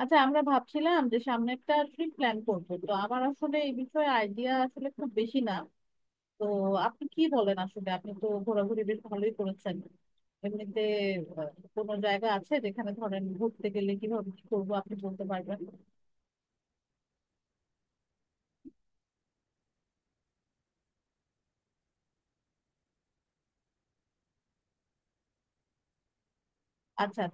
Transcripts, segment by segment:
আচ্ছা, আমরা ভাবছিলাম যে সামনে একটা ট্রিপ প্ল্যান করবো। তো আমার আসলে এই বিষয়ে আইডিয়া আসলে খুব বেশি না। তো আপনি কি বলেন, আসলে আপনি তো ঘোরাঘুরি বেশ ভালোই করেছেন এমনিতে। আহ, কোনো জায়গা আছে যেখানে ধরেন ঘুরতে গেলে কিভাবে কি করবো আপনি বলতে পারবেন? আচ্ছা,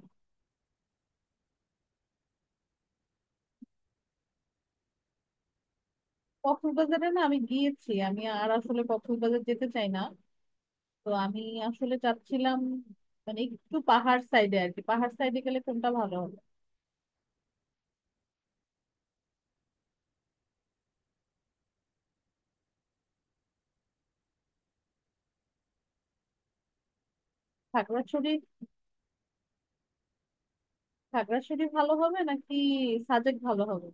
কক্সবাজারে না আমি গিয়েছি, আমি আর আসলে কক্সবাজার যেতে চাই না। তো আমি আসলে চাচ্ছিলাম মানে একটু পাহাড় সাইডে আর কি। পাহাড় সাইডে গেলে কোনটা ভালো হবে? খাগড়াছড়ি? খাগড়াছড়ি ভালো হবে নাকি সাজেক ভালো হবে?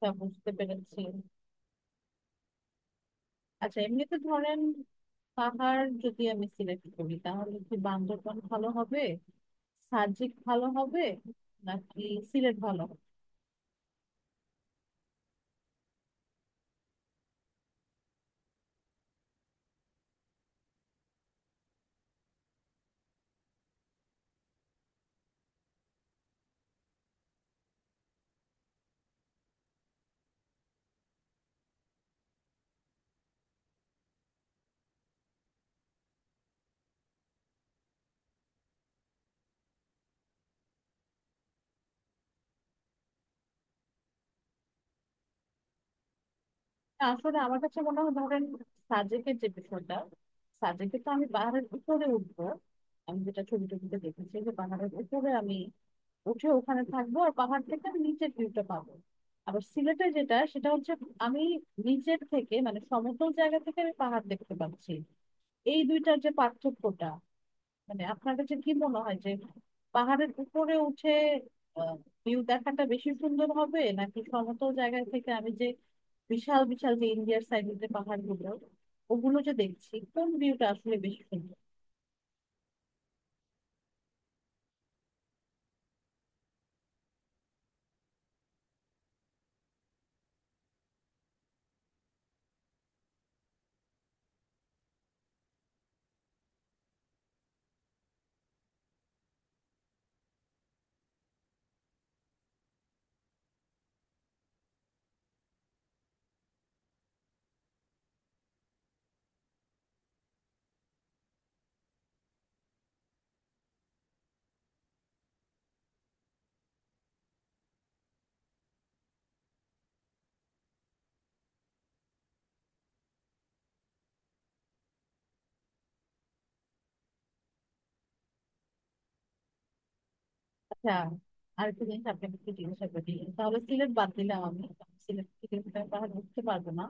হ্যাঁ, বুঝতে পেরেছি। আচ্ছা, এমনিতে ধরেন পাহাড় যদি আমি সিলেক্ট করি তাহলে কি বান্দরবান ভালো হবে, সাজেক ভালো হবে, নাকি সিলেট ভালো হবে? না, আসলে আমার কাছে মনে হয় ধরেন, সাজেকের যে বিষয়টা, সাজেকে তো আমি পাহাড়ের উপরে উঠবো। আমি যেটা ছবি টবিতে দেখেছি যে পাহাড়ের উপরে আমি উঠে ওখানে থাকবো আর পাহাড় থেকে আমি নিচের ভিউটা পাবো। আবার সিলেটে যেটা, সেটা হচ্ছে আমি নিচের থেকে মানে সমতল জায়গা থেকে আমি পাহাড় দেখতে পাচ্ছি। এই দুইটার যে পার্থক্যটা, মানে আপনার কাছে কি মনে হয় যে পাহাড়ের উপরে উঠে ভিউ দেখাটা বেশি সুন্দর হবে, নাকি সমতল জায়গা থেকে আমি যে বিশাল বিশাল যে ইন্ডিয়ার সাইডের যে পাহাড়গুলো ওগুলো যে দেখছি, কোন ভিউটা আসলে বেশি সুন্দর? আচ্ছা, আরেকটা জিনিস আপনাকে একটু জিজ্ঞাসা করি। তাহলে সিলেট বাদ দিলাম আমি, সিলেট থেকে কোথায় পাহাড় উঠতে পারবো না।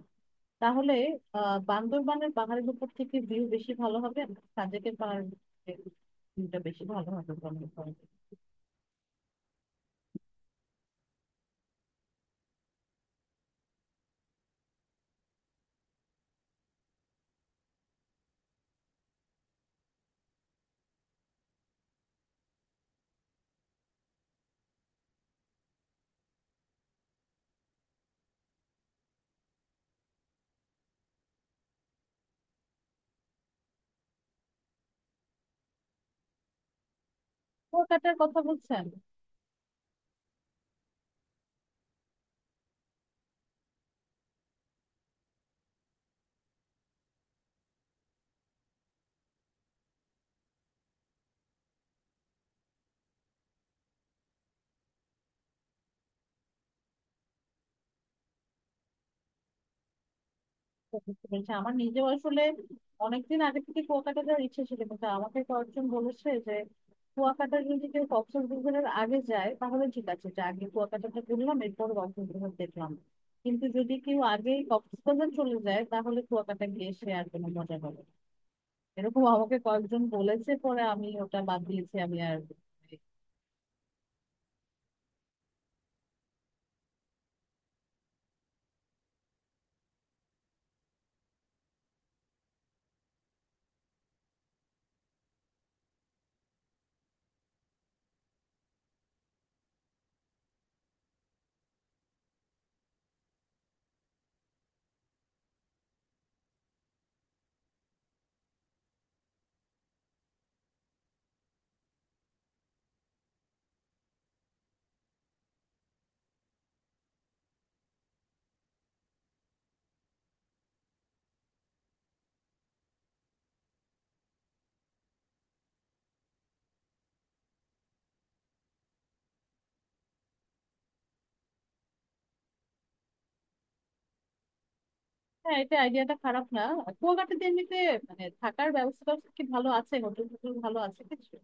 তাহলে বান্দরবানের পাহাড়ের উপর থেকে ভিউ বেশি ভালো হবে, সাজেকের পাহাড়ের ভিউটা বেশি ভালো হবে বলে মনে করেন? কুয়াকাটার কথা বলছেন? তো বুঝতে পেরেছি। আমার নিজেও আসলে অনেকদিন আগে থেকে কুয়াকাটা যাওয়ার ইচ্ছে ছিল, কিন্তু আমাকে কয়েকজন বলেছে যে কুয়াকাটা যদি কেউ কক্সবাজারের আগে যায় তাহলে ঠিক আছে, যে আগে কুয়াকাটাটা ঘুরলাম এরপর কক্সবাজার দেখলাম। কিন্তু যদি কেউ আগে কক্সবাজার চলে যায় তাহলে কুয়াকাটা গিয়ে সে আর কোনো মজা পাবে না। এরকম আমাকে কয়েকজন বলেছে, পরে আমি ওটা বাদ দিয়েছি আমি আর। হ্যাঁ, এটা আইডিয়াটা খারাপ না। কুয়াকাটাতে এমনিতে মানে থাকার ব্যবস্থা কি ভালো আছে, হোটেল টোটেল ভালো আছে কিছু?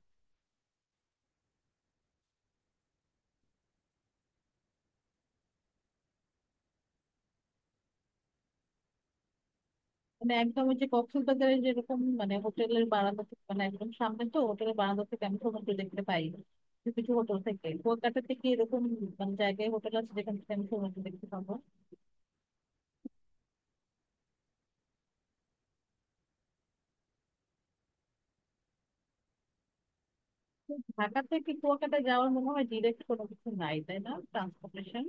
মানে একদম ওই যে কক্সবাজারে যেরকম, মানে হোটেলের বারান্দা থেকে, মানে একদম সামনে তো হোটেলের বারান্দা থেকে আমি সমুদ্র দেখতে পাই, কিছু কিছু হোটেল থেকে। কুয়াকাটাতে কি এরকম মানে জায়গায় হোটেল আছে যেখান থেকে আমি সমুদ্র দেখতে পাবো? ঢাকা থেকে কুয়াকাটা যাওয়ার মনে হয় ডিরেক্ট কোনো কিছু নাই, তাই না, ট্রান্সপোর্টেশন?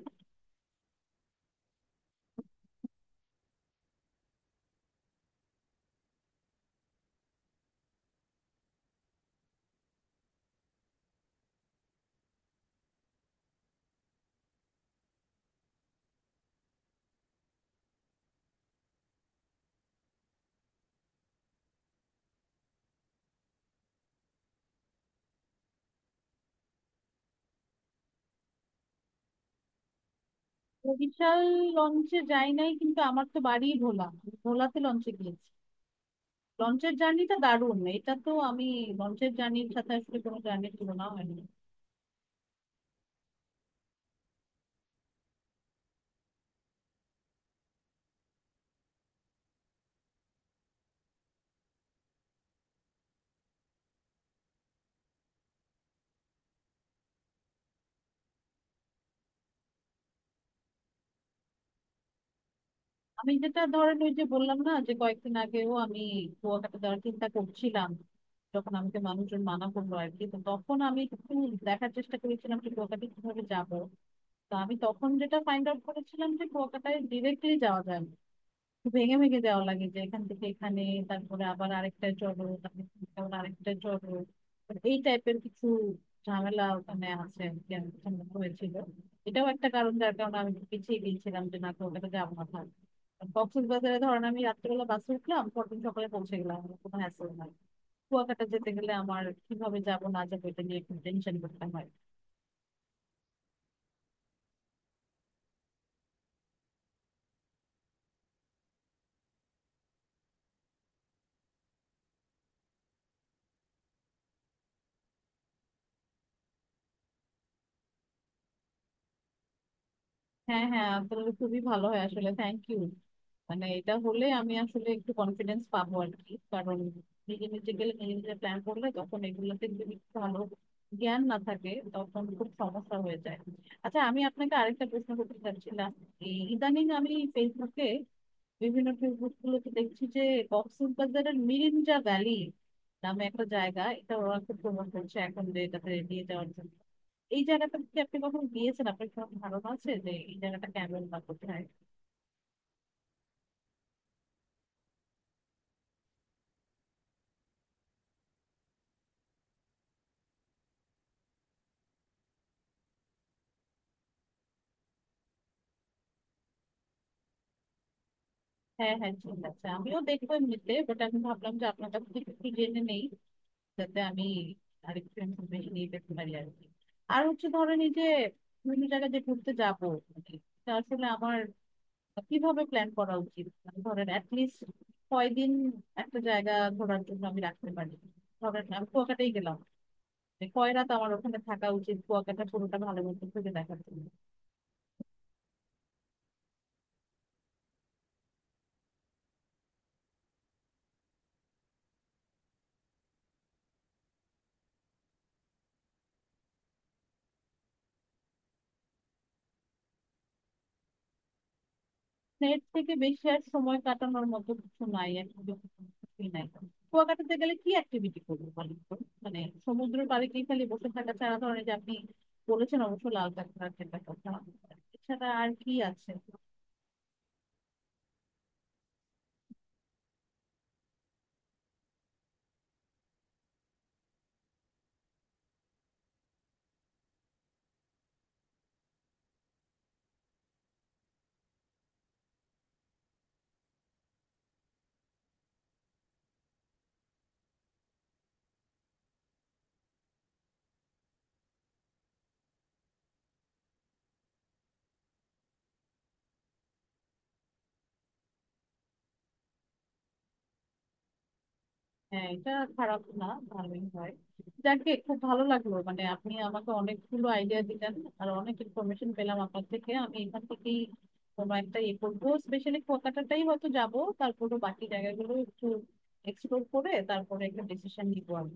বরিশাল লঞ্চে যাই নাই, কিন্তু আমার তো বাড়ি ভোলা, আমি ভোলাতে লঞ্চে গিয়েছি। লঞ্চের জার্নিটা দারুণ, এটা তো আমি, লঞ্চের জার্নির সাথে আসলে কোনো জার্নির তুলনা হয় না। আমি যেটা ধরেন, ওই যে বললাম না যে কয়েকদিন আগেও আমি কুয়াকাটা যাওয়ার চিন্তা করছিলাম, যখন আমাকে মানুষজন মানা করলো আর কি, তো তখন আমি একটু দেখার চেষ্টা করেছিলাম যে কুয়াকাটা কিভাবে যাবো। তা আমি তখন যেটা ফাইন্ড আউট করেছিলাম যে কুয়াকাটায় ডিরেক্টলি যাওয়া যায় না, ভেঙে ভেঙে দেওয়া লাগে যে এখান থেকে এখানে, তারপরে আবার আরেকটা চলো, তারপরে এখান থেকে আবার আরেকটা চলো। তো এই টাইপের কিছু ঝামেলা ওখানে আছে আর কি, আমার সঙ্গে হয়েছিল। এটাও একটা কারণ যার কারণে আমি একটু পিছিয়ে গিয়েছিলাম যে না, তো ওটাতে যাবো না, থাক। কক্সবাজারে ধরেন আমি রাত্রেবেলা বাসে উঠলাম, পরদিন সকালে পৌঁছে গেলাম, আমার কোনো হ্যাসেল নাই। কুয়াকাটা যেতে গেলে আমার কিভাবে যাবো না যাবো, এটা নিয়ে একটু টেনশন করতে হয়। হ্যাঁ হ্যাঁ, তাহলে খুবই ভালো হয় আসলে, থ্যাংক ইউ। মানে এটা হলে আমি আসলে একটু কনফিডেন্স পাবো আর কি, কারণ নিজে নিজে গেলে, নিজে নিজে প্ল্যান করলে তখন এগুলোতে যদি একটু ভালো জ্ঞান না থাকে তখন খুব সমস্যা হয়ে যায়। আচ্ছা, আমি আপনাকে আরেকটা প্রশ্ন করতে চাচ্ছিলাম। এই ইদানিং আমি ফেসবুকে, বিভিন্ন ফেসবুক গুলোতে দেখছি যে কক্সবাজারের মিরিঞ্জা ভ্যালি নামে একটা জায়গা, এটা ওরা খুব প্রমোট করছে এখন, যে এটাতে নিয়ে যাওয়ার জন্য। এই জায়গাটা কি আপনি কখনো গিয়েছেন? আপনার কোনো ধারণা আছে যে এই জায়গাটা কেমন বা কোথায়? হ্যাঁ হ্যাঁ, ঠিক আছে, আমিও দেখবো এমনিতে, বাট আমি ভাবলাম যে আপনার কাছ থেকে একটু জেনে নেই, যাতে আমি আরেকটু ইনফরমেশন নিয়ে পেতে পারি আর কি। আর হচ্ছে ধরেন, এই যে বিভিন্ন জায়গায় যে ঘুরতে যাবো, মানে এটা আসলে আমার কিভাবে প্ল্যান করা উচিত, মানে ধরেন অ্যাটলিস্ট কয়দিন একটা জায়গা ঘোরার জন্য আমি রাখতে পারি? ধরেন আমি কুয়াকাটাই গেলাম, যে কয় রাত আমার ওখানে থাকা উচিত কুয়াকাটা পুরোটা ভালো মতো ঘুরে দেখার জন্য? এর থেকে বেশি আর সময় কাটানোর মতো কিছু নাই activity? কিছুই নাই? কুয়াকাটাতে গেলে কি অ্যাক্টিভিটি করবো বলেন তো? মানে সমুদ্রের পাড়ে কি খালি বসে থাকা ছাড়া, ধরেন এই যে আপনি বলেছেন অবশ্য লাল কাঁকড়া খেতে কথা, এছাড়া আর কি আছে? হ্যাঁ, এটা খারাপ না, ভালোই হয়। যাকে খুব ভালো লাগলো, মানে আপনি আমাকে অনেকগুলো আইডিয়া দিলেন আর অনেক ইনফরমেশন পেলাম আপনার থেকে। আমি এখান থেকেই কোনো একটা ইয়ে করবো, স্পেশালি কুয়াকাটাটাই হয়তো যাব। তারপরে বাকি জায়গাগুলো একটু এক্সপ্লোর করে তারপরে একটা ডিসিশন নিবো আমি।